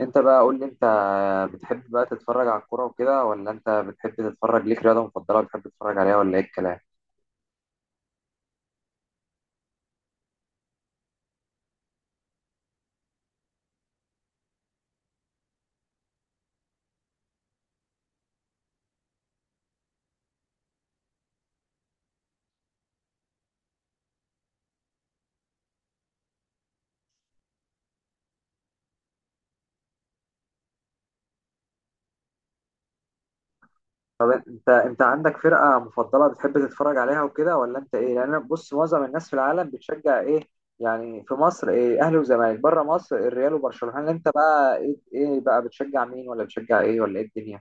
انت بقى قول لي. انت بتحب بقى تتفرج على الكوره وكده، ولا انت بتحب تتفرج؟ ليك رياضه مفضله بتحب تتفرج عليها، ولا ايه الكلام؟ انت عندك فرقه مفضله بتحب تتفرج عليها وكده، ولا انت ايه؟ لان انا بص، معظم الناس في العالم بتشجع ايه؟ يعني في مصر، ايه؟ اهلي وزمالك، بره مصر الريال وبرشلونه. انت بقى ايه بقى بتشجع مين، ولا بتشجع ايه، ولا ايه الدنيا؟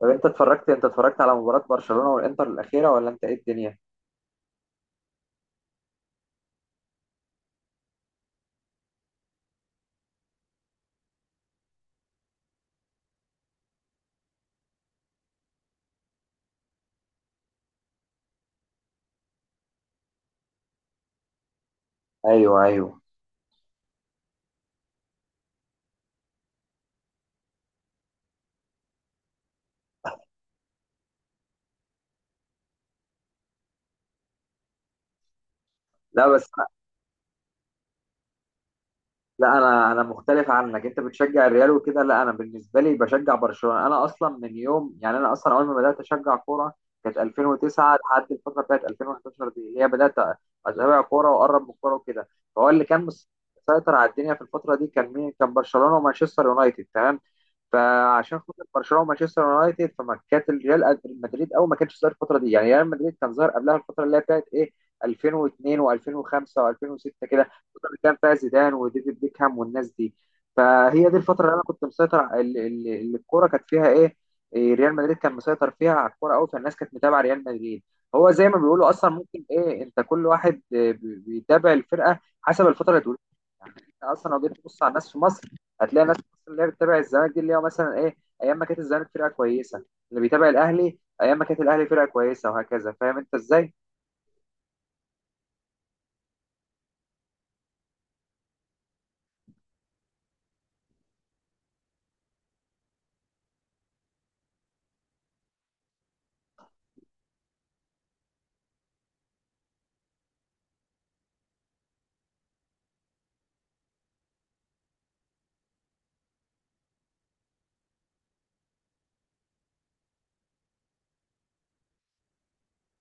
طب انت اتفرجت على مباراه برشلونه والانتر الاخيره، ولا انت ايه الدنيا؟ ايوه ايوه. لا بس، لا انا مختلف عنك. انت بتشجع الريال وكده، لا انا بالنسبه لي بشجع برشلونه. انا اصلا من يوم، يعني انا اصلا اول ما بدات اشجع كوره كانت 2009، لحد الفتره بتاعت 2011 دي اللي هي بدات اتابع كوره واقرب من الكوره وكده. فهو اللي كان مسيطر على الدنيا في الفتره دي كان مين؟ كان برشلونه ومانشستر يونايتد، تمام؟ فعشان خاطر برشلونه ومانشستر يونايتد، فما كانت ريال مدريد قوي، ما كانش ظاهر الفتره دي. يعني ريال مدريد كان ظاهر قبلها، الفتره اللي هي بتاعت ايه؟ 2002 و2005 و2006 كده، الفتره اللي كان فيها زيدان وديفيد بيكهام والناس دي. فهي دي الفتره اللي انا كنت مسيطر على- اللي اللي- اللي الكوره كانت فيها ايه؟ ريال مدريد كان مسيطر فيها على الكوره قوي، فالناس كانت متابعه ريال مدريد. هو زي ما بيقولوا اصلا، ممكن ايه، انت كل واحد بيتابع الفرقه حسب الفتره اللي تقول. يعني أنت اصلا لو جيت تبص على الناس في مصر، هتلاقي ناس مثلا اللي هي بتتابع الزمالك دي، اللي هي مثلا ايه، ايام ما كانت الزمالك فرقه كويسه. اللي بيتابع الاهلي ايام ما كانت الاهلي فرقه كويسه، وهكذا. فاهم انت ازاي؟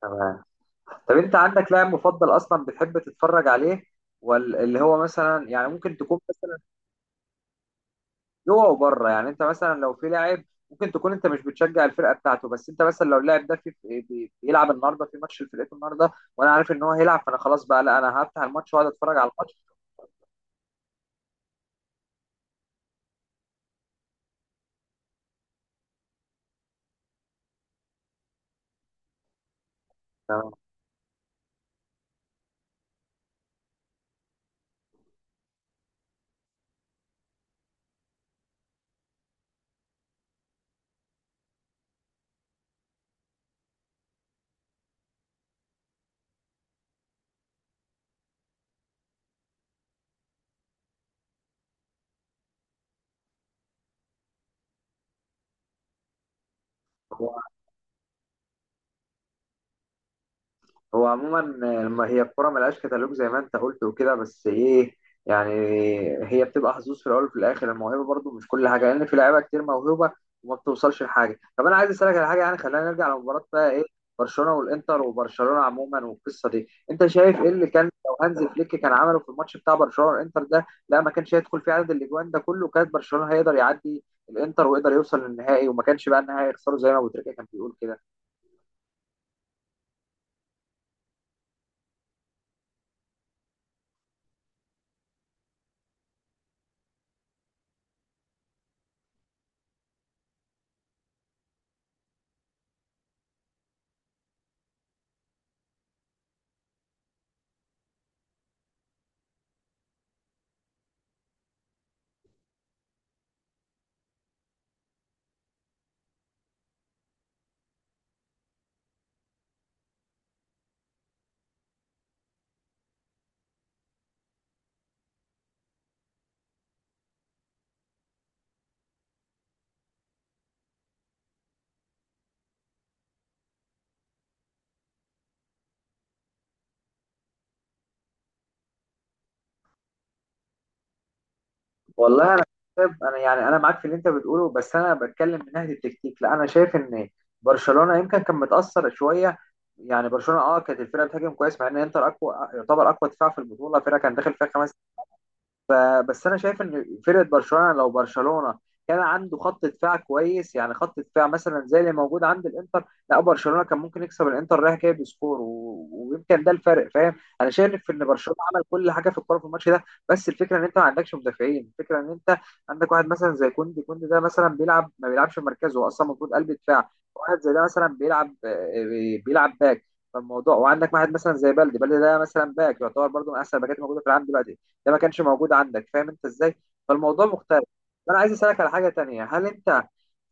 تمام. طب انت عندك لاعب مفضل اصلا بتحب تتفرج عليه، واللي هو مثلا يعني ممكن تكون مثلا جوه وبره؟ يعني انت مثلا لو في لاعب، ممكن تكون انت مش بتشجع الفرقه بتاعته، بس انت مثلا لو اللاعب ده بيلعب النهارده في ماتش لفرقته النهارده، وانا عارف ان هو هيلعب، فانا خلاص بقى، لا انا هفتح الماتش واقعد اتفرج على الماتش. تمام. هو عموما لما هي الكرة ملهاش كتالوج زي ما انت قلت وكده، بس ايه، يعني هي بتبقى حظوظ في الاول، وفي الاخر الموهبه برضو مش كل حاجه، لان في لعيبه كتير موهوبه وما بتوصلش لحاجه. طب انا عايز اسالك على حاجه، يعني خلينا نرجع لمباراه بقى ايه، برشلونه والانتر، وبرشلونه عموما والقصه دي. انت شايف ايه اللي كان لو هانز فليك كان عمله في الماتش بتاع برشلونه والانتر ده؟ لا ما كانش هيدخل فيه عدد الاجوان ده كله، كانت برشلونه هيقدر يعدي الانتر ويقدر يوصل للنهائي، وما كانش بقى النهائي يخسره زي ما ابو تريكه كان بيقول كده. والله انا شايف، انا يعني انا معاك في اللي انت بتقوله، بس انا بتكلم من ناحيه التكتيك. لا انا شايف ان برشلونه يمكن كان متاثر شويه. يعني برشلونه اه، كانت الفرقه بتهاجم كويس، مع ان انتر اقوى، يعتبر اقوى دفاع في البطوله، فرقه كان داخل فيها خمس. بس انا شايف ان فرقه برشلونه، لو برشلونه كان عنده خط دفاع كويس، يعني خط دفاع مثلا زي اللي موجود عند الانتر، لا برشلونه كان ممكن يكسب الانتر رايح جاي بسكور، ويمكن ده الفرق، فاهم؟ انا شايف ان برشلونه عمل كل حاجه في الكوره في الماتش ده. بس الفكره ان انت ما عندكش مدافعين. الفكره ان انت عندك واحد مثلا زي كوندي. كوندي ده مثلا بيلعب، ما بيلعبش في مركزه. هو اصلا المفروض قلب دفاع، واحد زي ده مثلا بيلعب، بيلعب باك. فالموضوع، وعندك واحد مثلا زي بلدي. بلدي ده مثلا باك، يعتبر برضه من احسن الباكات الموجوده في العالم دلوقتي. ده ما كانش موجود عندك، فاهم انت ازاي؟ فالموضوع مختلف. فانا عايز اسالك على حاجه تانية. هل انت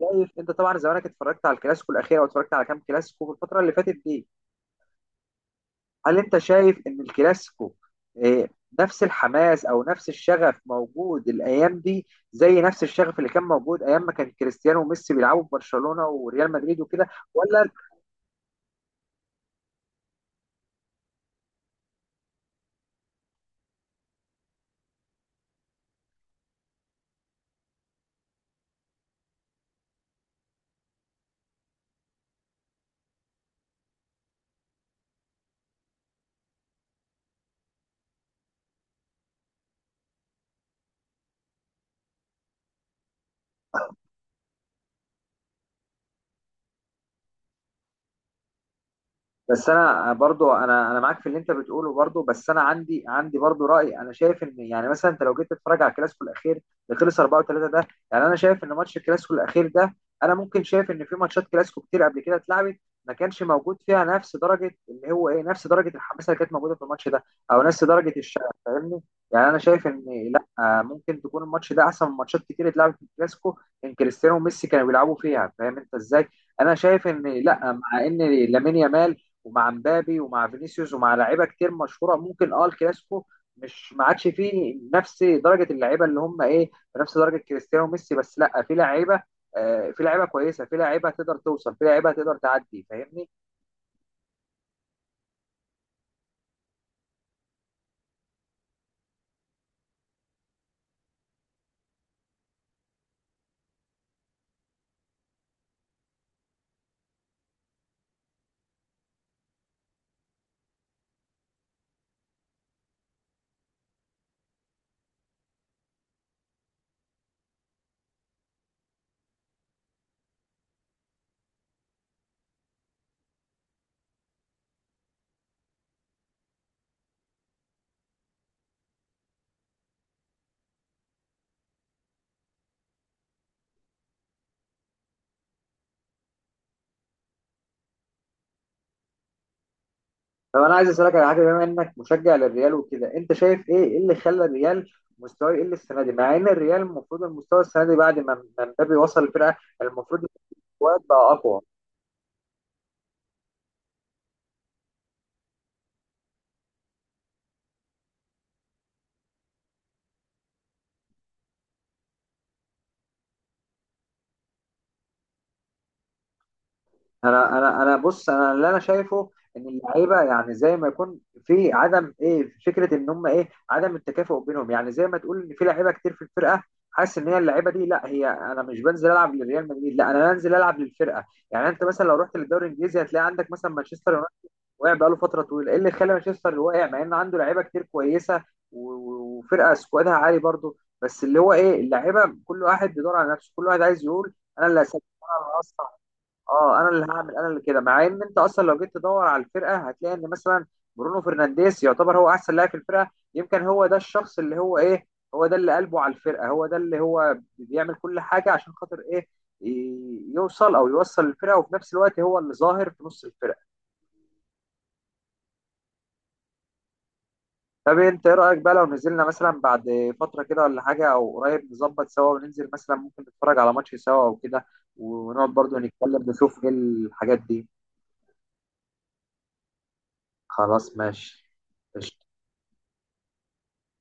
شايف، انت طبعا زمانك اتفرجت على الكلاسيكو الاخير، او اتفرجت على كام كلاسيكو في الفتره اللي فاتت دي؟ هل انت شايف ان الكلاسيكو، اه، نفس الحماس او نفس الشغف موجود الايام دي، زي نفس الشغف اللي كان موجود ايام ما كان كريستيانو وميسي بيلعبوا في برشلونه وريال مدريد وكده، ولا؟ بس انا برضو، انا انا معاك في اللي انت بتقوله برضو، بس انا عندي برضو راي. انا شايف ان، يعني مثلا انت لو جيت تتفرج على الكلاسيكو الاخير اللي خلص 4-3 ده، يعني انا شايف ان ماتش الكلاسيكو الاخير ده، انا ممكن شايف ان في ماتشات كلاسيكو كتير قبل كده اتلعبت ما كانش موجود فيها نفس درجه اللي هو ايه، نفس درجه الحماسه اللي كانت موجوده في الماتش ده، او نفس درجه الشغف، فاهمني؟ يعني انا شايف ان لا، ممكن تكون الماتش ده احسن من ماتشات كتير اتلعبت في الكلاسيكو ان كريستيانو وميسي كانوا بيلعبوا فيها، فاهم انت ازاي؟ انا شايف ان لا، مع ان لامين يامال، ومع مبابي، ومع فينيسيوس، ومع لعيبه كتير مشهوره، ممكن اه الكلاسيكو مش ما عادش فيه نفس درجه اللعيبه اللي هم ايه، نفس درجه كريستيانو وميسي، بس لا في لعيبه، في لعيبه كويسه، في لعيبه تقدر توصل، في لعيبه تقدر تعدي، فاهمني؟ طب انا عايز اسالك على حاجه، بما انك مشجع للريال وكده، انت شايف ايه، إيه اللي خلى الريال مستواه يقل السنه دي، مع ان الريال المفروض المستوى السنه دي بعد ما مبابي وصل الفرقه، المفروض المستوى بقى اقوى. انا بص، انا اللي انا شايفه، ان اللعيبه يعني زي ما يكون في عدم ايه، فكره ان هم ايه، عدم التكافؤ بينهم. يعني زي ما تقول ان في لعيبه كتير في الفرقه، حاسس ان هي اللعيبه دي، لا هي انا مش بنزل العب لريال مدريد، لا انا بنزل العب للفرقه. يعني انت مثلا لو رحت للدوري الانجليزي، هتلاقي عندك مثلا مانشستر يونايتد واقع بقاله فتره طويله. ايه اللي خلى مانشستر واقع مع ان عنده لعيبه كتير كويسه، وفرقه سكوادها عالي برضه؟ بس اللي هو ايه، اللعيبه كل واحد بيدور على نفسه، كل واحد عايز يقول انا اللي هسجل، اه انا اللي هعمل، انا اللي كده. مع ان انت اصلا لو جيت تدور على الفرقه، هتلاقي ان مثلا برونو فرنانديز يعتبر هو احسن لاعب في الفرقه. يمكن هو ده الشخص اللي هو ايه، هو ده اللي قلبه على الفرقه، هو ده اللي هو بيعمل كل حاجه عشان خاطر ايه، يوصل الفرقه، وفي نفس الوقت هو اللي ظاهر في نص الفرقه. طب انت ايه رايك بقى لو نزلنا مثلا بعد فتره كده ولا حاجه، او قريب نظبط سوا وننزل، مثلا ممكن نتفرج على ماتش سوا او كده، ونقعد برضو نتكلم نشوف ايه الحاجات دي؟ خلاص ماشي.